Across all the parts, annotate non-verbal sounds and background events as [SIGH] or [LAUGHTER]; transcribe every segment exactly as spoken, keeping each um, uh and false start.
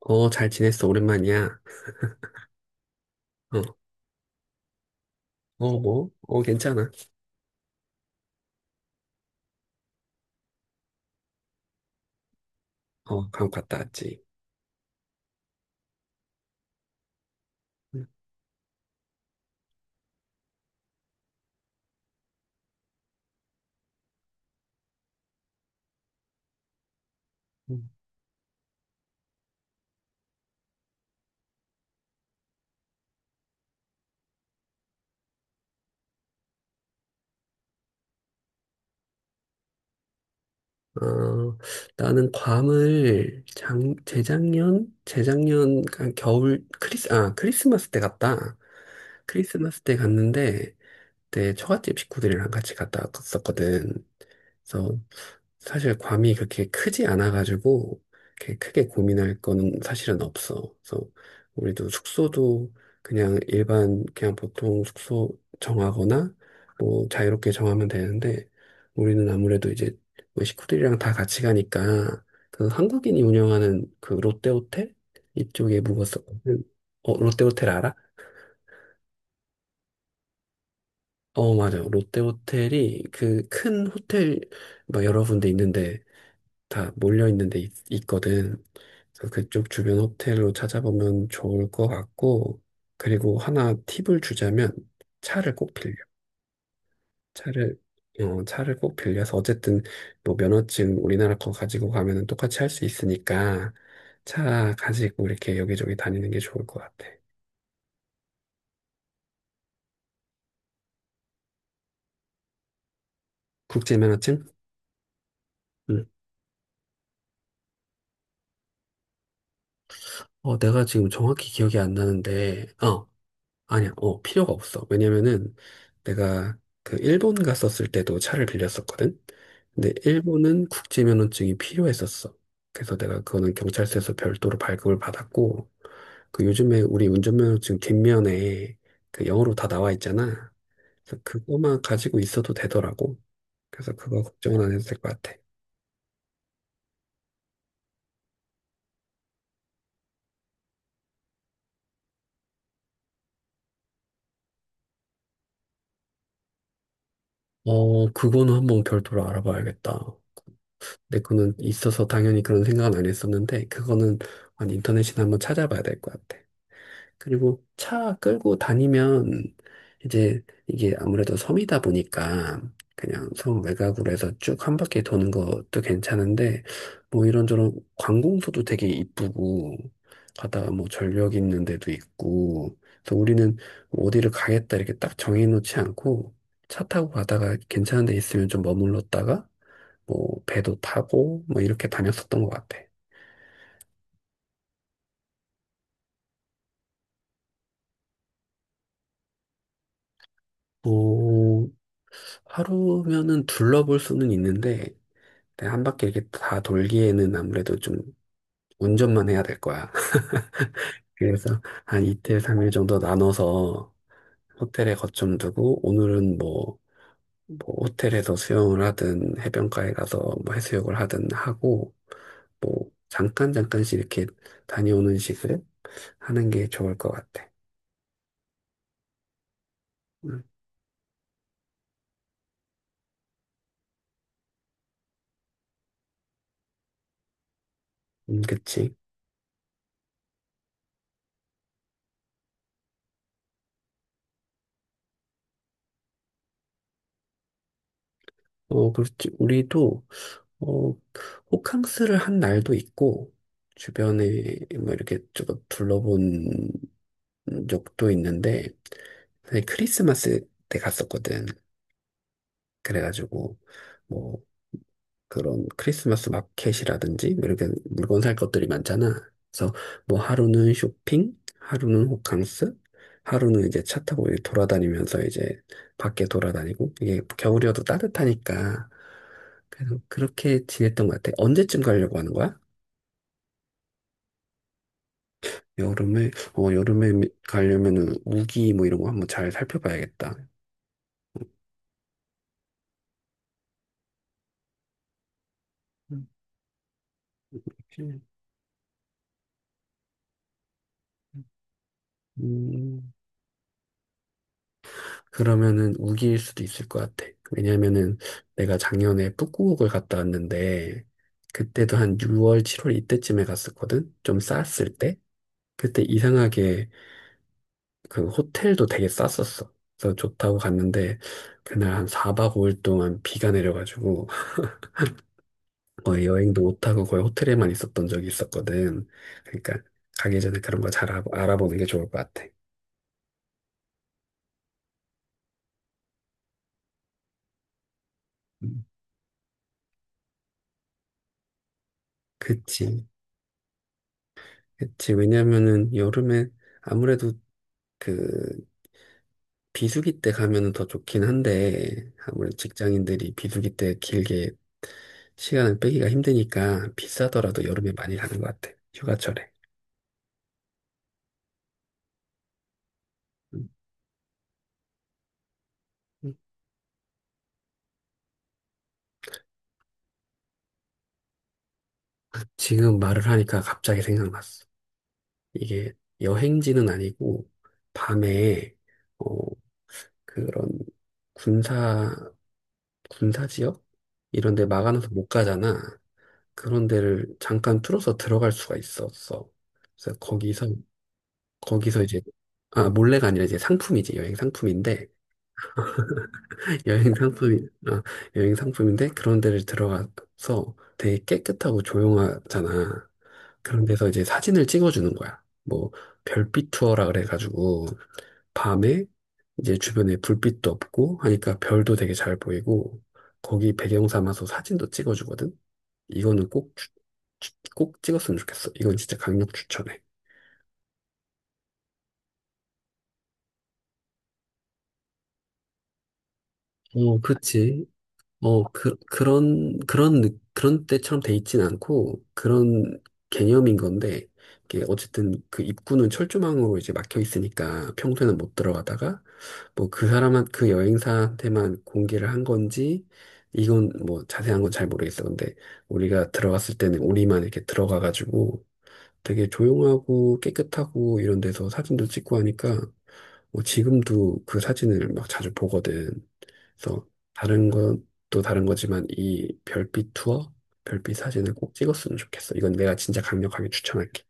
어, 잘 지냈어. 오랜만이야. 어, 어, 뭐? 어, 괜찮아. 어, 괌 갔다 왔지. 음, 음. 어, 나는 괌을 장, 재작년? 재작년, 한 겨울, 크리스, 아, 크리스마스 때 갔다. 크리스마스 때 갔는데, 그때 처갓집 식구들이랑 같이 갔다 왔었거든. 그래서 사실 괌이 그렇게 크지 않아가지고 이렇게 크게 고민할 거는 사실은 없어. 그래서 우리도 숙소도 그냥 일반 그냥 보통 숙소 정하거나 뭐 자유롭게 정하면 되는데 우리는 아무래도 이제 뭐 식구들이랑 다 같이 가니까 그 한국인이 운영하는 그 롯데호텔 이쪽에 묵었었거든. 어, 롯데호텔 알아? 어, 맞아요. 롯데 호텔이 그 큰 호텔 막 여러 군데 있는데 다 몰려 있는데 있, 있거든. 그래서 그쪽 주변 호텔로 찾아보면 좋을 것 같고, 그리고 하나 팁을 주자면 차를 꼭 빌려. 차를 어, 차를 꼭 빌려서 어쨌든 뭐 면허증 우리나라 거 가지고 가면은 똑같이 할 수 있으니까 차 가지고 이렇게 여기저기 다니는 게 좋을 것 같아. 국제 면허증? 응. 어, 내가 지금 정확히 기억이 안 나는데 어. 아니야, 어, 필요가 없어. 왜냐면은 내가 그 일본 갔었을 때도 차를 빌렸었거든. 근데 일본은 국제 면허증이 필요했었어. 그래서 내가 그거는 경찰서에서 별도로 발급을 받았고, 그 요즘에 우리 운전면허증 뒷면에 그 영어로 다 나와 있잖아. 그래서 그거만 가지고 있어도 되더라고. 그래서 그거 걱정은 안 해도 될 것 같아. 어, 그거는 한번 별도로 알아봐야겠다. 내 거는 있어서 당연히 그런 생각은 안 했었는데, 그거는 한 인터넷이나 한번 찾아봐야 될 것 같아. 그리고 차 끌고 다니면 이제 이게 아무래도 섬이다 보니까 그냥 섬 외곽으로 해서 쭉 한 바퀴 도는 것도 괜찮은데, 뭐 이런저런 관공서도 되게 이쁘고, 가다가 뭐 전력 있는 데도 있고, 그래서 우리는 뭐 어디를 가겠다 이렇게 딱 정해놓지 않고, 차 타고 가다가 괜찮은 데 있으면 좀 머물렀다가, 뭐 배도 타고 뭐 이렇게 다녔었던 것 같아. 뭐 하루면은 둘러볼 수는 있는데 네, 한 바퀴 이렇게 다 돌기에는 아무래도 좀 운전만 해야 될 거야. [LAUGHS] 그래서 한 이틀, 삼일 정도 나눠서 호텔에 거점 두고 오늘은 뭐, 뭐 호텔에서 수영을 하든 해변가에 가서 뭐 해수욕을 하든 하고 뭐 잠깐 잠깐씩 이렇게 다녀오는 식을 하는 게 좋을 것 같아. 음, 음, 그치. 어, 그렇지. 우리도 어, 호캉스를 한 날도 있고, 주변에 뭐 이렇게 조금 둘러본 적도 있는데, 사실 크리스마스 때 갔었거든. 그래가지고, 뭐, 그런 크리스마스 마켓이라든지 뭐 이렇게 물건 살 것들이 많잖아. 그래서 뭐 하루는 쇼핑, 하루는 호캉스, 하루는 이제 차 타고 이렇게 돌아다니면서 이제 밖에 돌아다니고 이게 겨울이어도 따뜻하니까 그래서 그렇게 지냈던 것 같아. 언제쯤 가려고 하는 거야? 여름에 어 여름에 가려면은 우기 뭐 이런 거 한번 잘 살펴봐야겠다. 음, 음, 음. 음. 그러면은 우기일 수도 있을 것 같아. 왜냐면은 내가 작년에 북구옥을 갔다 왔는데 그때도 한 유월, 칠월 이때쯤에 갔었거든. 좀 쌌을 때. 그때 이상하게 그 호텔도 되게 쌌었어. 그래서 좋다고 갔는데 그날 한 사 박 오 일 동안 비가 내려가지고 거의 여행도 못하고 거의 호텔에만 있었던 적이 있었거든. 그러니까 가기 전에 그런 거 잘 알아보는 게 좋을 것 같아. 음. 그치. 그치. 왜냐면은 여름에 아무래도 그 비수기 때 가면은 더 좋긴 한데, 아무래도 직장인들이 비수기 때 길게 시간을 빼기가 힘드니까 비싸더라도 여름에 많이 가는 것 같아. 휴가철에. 음, 음. 지금 말을 하니까 갑자기 생각났어. 이게 여행지는 아니고, 밤에, 어, 그런 군사, 군사 지역? 이런 데 막아놔서 못 가잖아. 그런 데를 잠깐 뚫어서 들어갈 수가 있었어. 그래서 거기서 거기서 이제 아 몰래가 아니라 이제 상품이지 여행 상품인데 [LAUGHS] 여행 상품이 아 여행 상품인데 그런 데를 들어가서 되게 깨끗하고 조용하잖아. 그런 데서 이제 사진을 찍어주는 거야. 뭐 별빛 투어라 그래가지고 밤에 이제 주변에 불빛도 없고 하니까 별도 되게 잘 보이고 거기 배경 삼아서 사진도 찍어주거든. 이거는 꼭, 추- 추- 꼭 찍었으면 좋겠어. 이건 진짜 강력 추천해. 어, 그치. 어, 그, 그런, 그런, 느- 그런 때처럼 돼 있진 않고, 그런 개념인 건데, 이게 어쨌든 그 입구는 철조망으로 이제 막혀 있으니까 평소에는 못 들어가다가, 뭐 그 사람한, 그 여행사한테만 공개를 한 건지, 이건 뭐 자세한 건 잘 모르겠어. 근데 우리가 들어갔을 때는 우리만 이렇게 들어가가지고 되게 조용하고 깨끗하고 이런 데서 사진도 찍고 하니까, 뭐 지금도 그 사진을 막 자주 보거든. 그래서 다른 것도 다른 거지만 이 별빛 투어, 별빛 사진을 꼭 찍었으면 좋겠어. 이건 내가 진짜 강력하게 추천할게.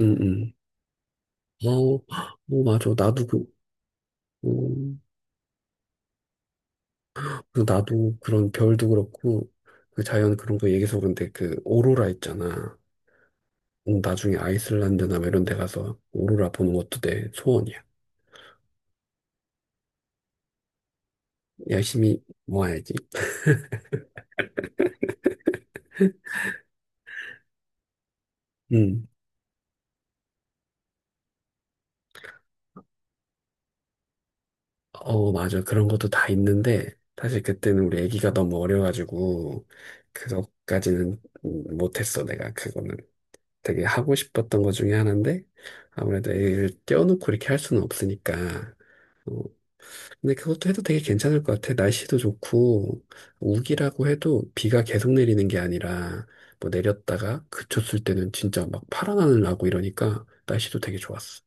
응, 응. 어, 어, 맞아. 나도 그, 어, 그 나도 그런 별도 그렇고, 그 자연 그런 거 얘기해서 그런데 그 오로라 있잖아. 응, 나중에 아이슬란드나 뭐 이런 데 가서 오로라 보는 것도 내 소원이야. 열심히 모아야지. 응. 어, 맞아. 그런 것도 다 있는데, 사실 그때는 우리 아기가 너무 어려가지고, 그것까지는 음, 못했어, 내가. 그거는 되게 하고 싶었던 것 중에 하나인데, 아무래도 애를 떼어놓고 이렇게 할 수는 없으니까. 어, 근데 그것도 해도 되게 괜찮을 것 같아. 날씨도 좋고, 우기라고 해도 비가 계속 내리는 게 아니라, 뭐 내렸다가 그쳤을 때는 진짜 막 파란 하늘 나고 이러니까 날씨도 되게 좋았어.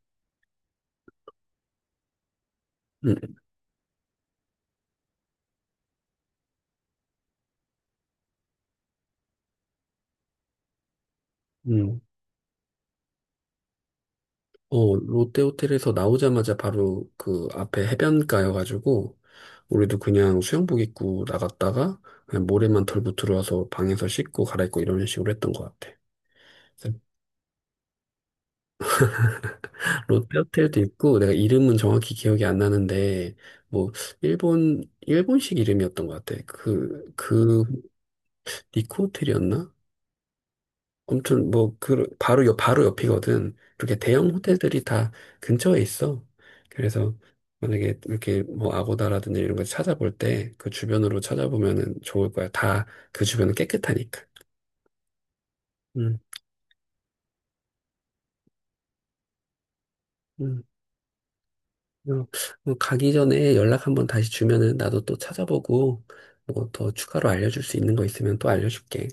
응, 응. 어, 롯데 호텔에서 나오자마자 바로 그 앞에 해변가여가지고, 우리도 그냥 수영복 입고 나갔다가, 그냥 모래만 털고 들어와서 방에서 씻고 갈아입고 이런 식으로 했던 것 같아. 그래서 롯데 호텔도 있고, 내가 이름은 정확히 기억이 안 나는데, 뭐, 일본, 일본식 이름이었던 것 같아. 그, 그, 니코 호텔이었나? 아무튼 뭐 그 바로 옆 바로 옆이거든. 이렇게 대형 호텔들이 다 근처에 있어. 그래서 만약에 이렇게 뭐 아고다라든지 이런 거 찾아볼 때 그 주변으로 찾아보면은 좋을 거야. 다 그 주변은 깨끗하니까. 음, 음. 어, 어, 가기 전에 연락 한번 다시 주면은 나도 또 찾아보고 뭐 더 추가로 알려줄 수 있는 거 있으면 또 알려줄게.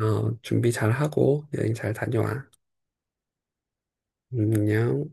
어, 준비 잘 하고 여행 잘 다녀와. 음, 안녕.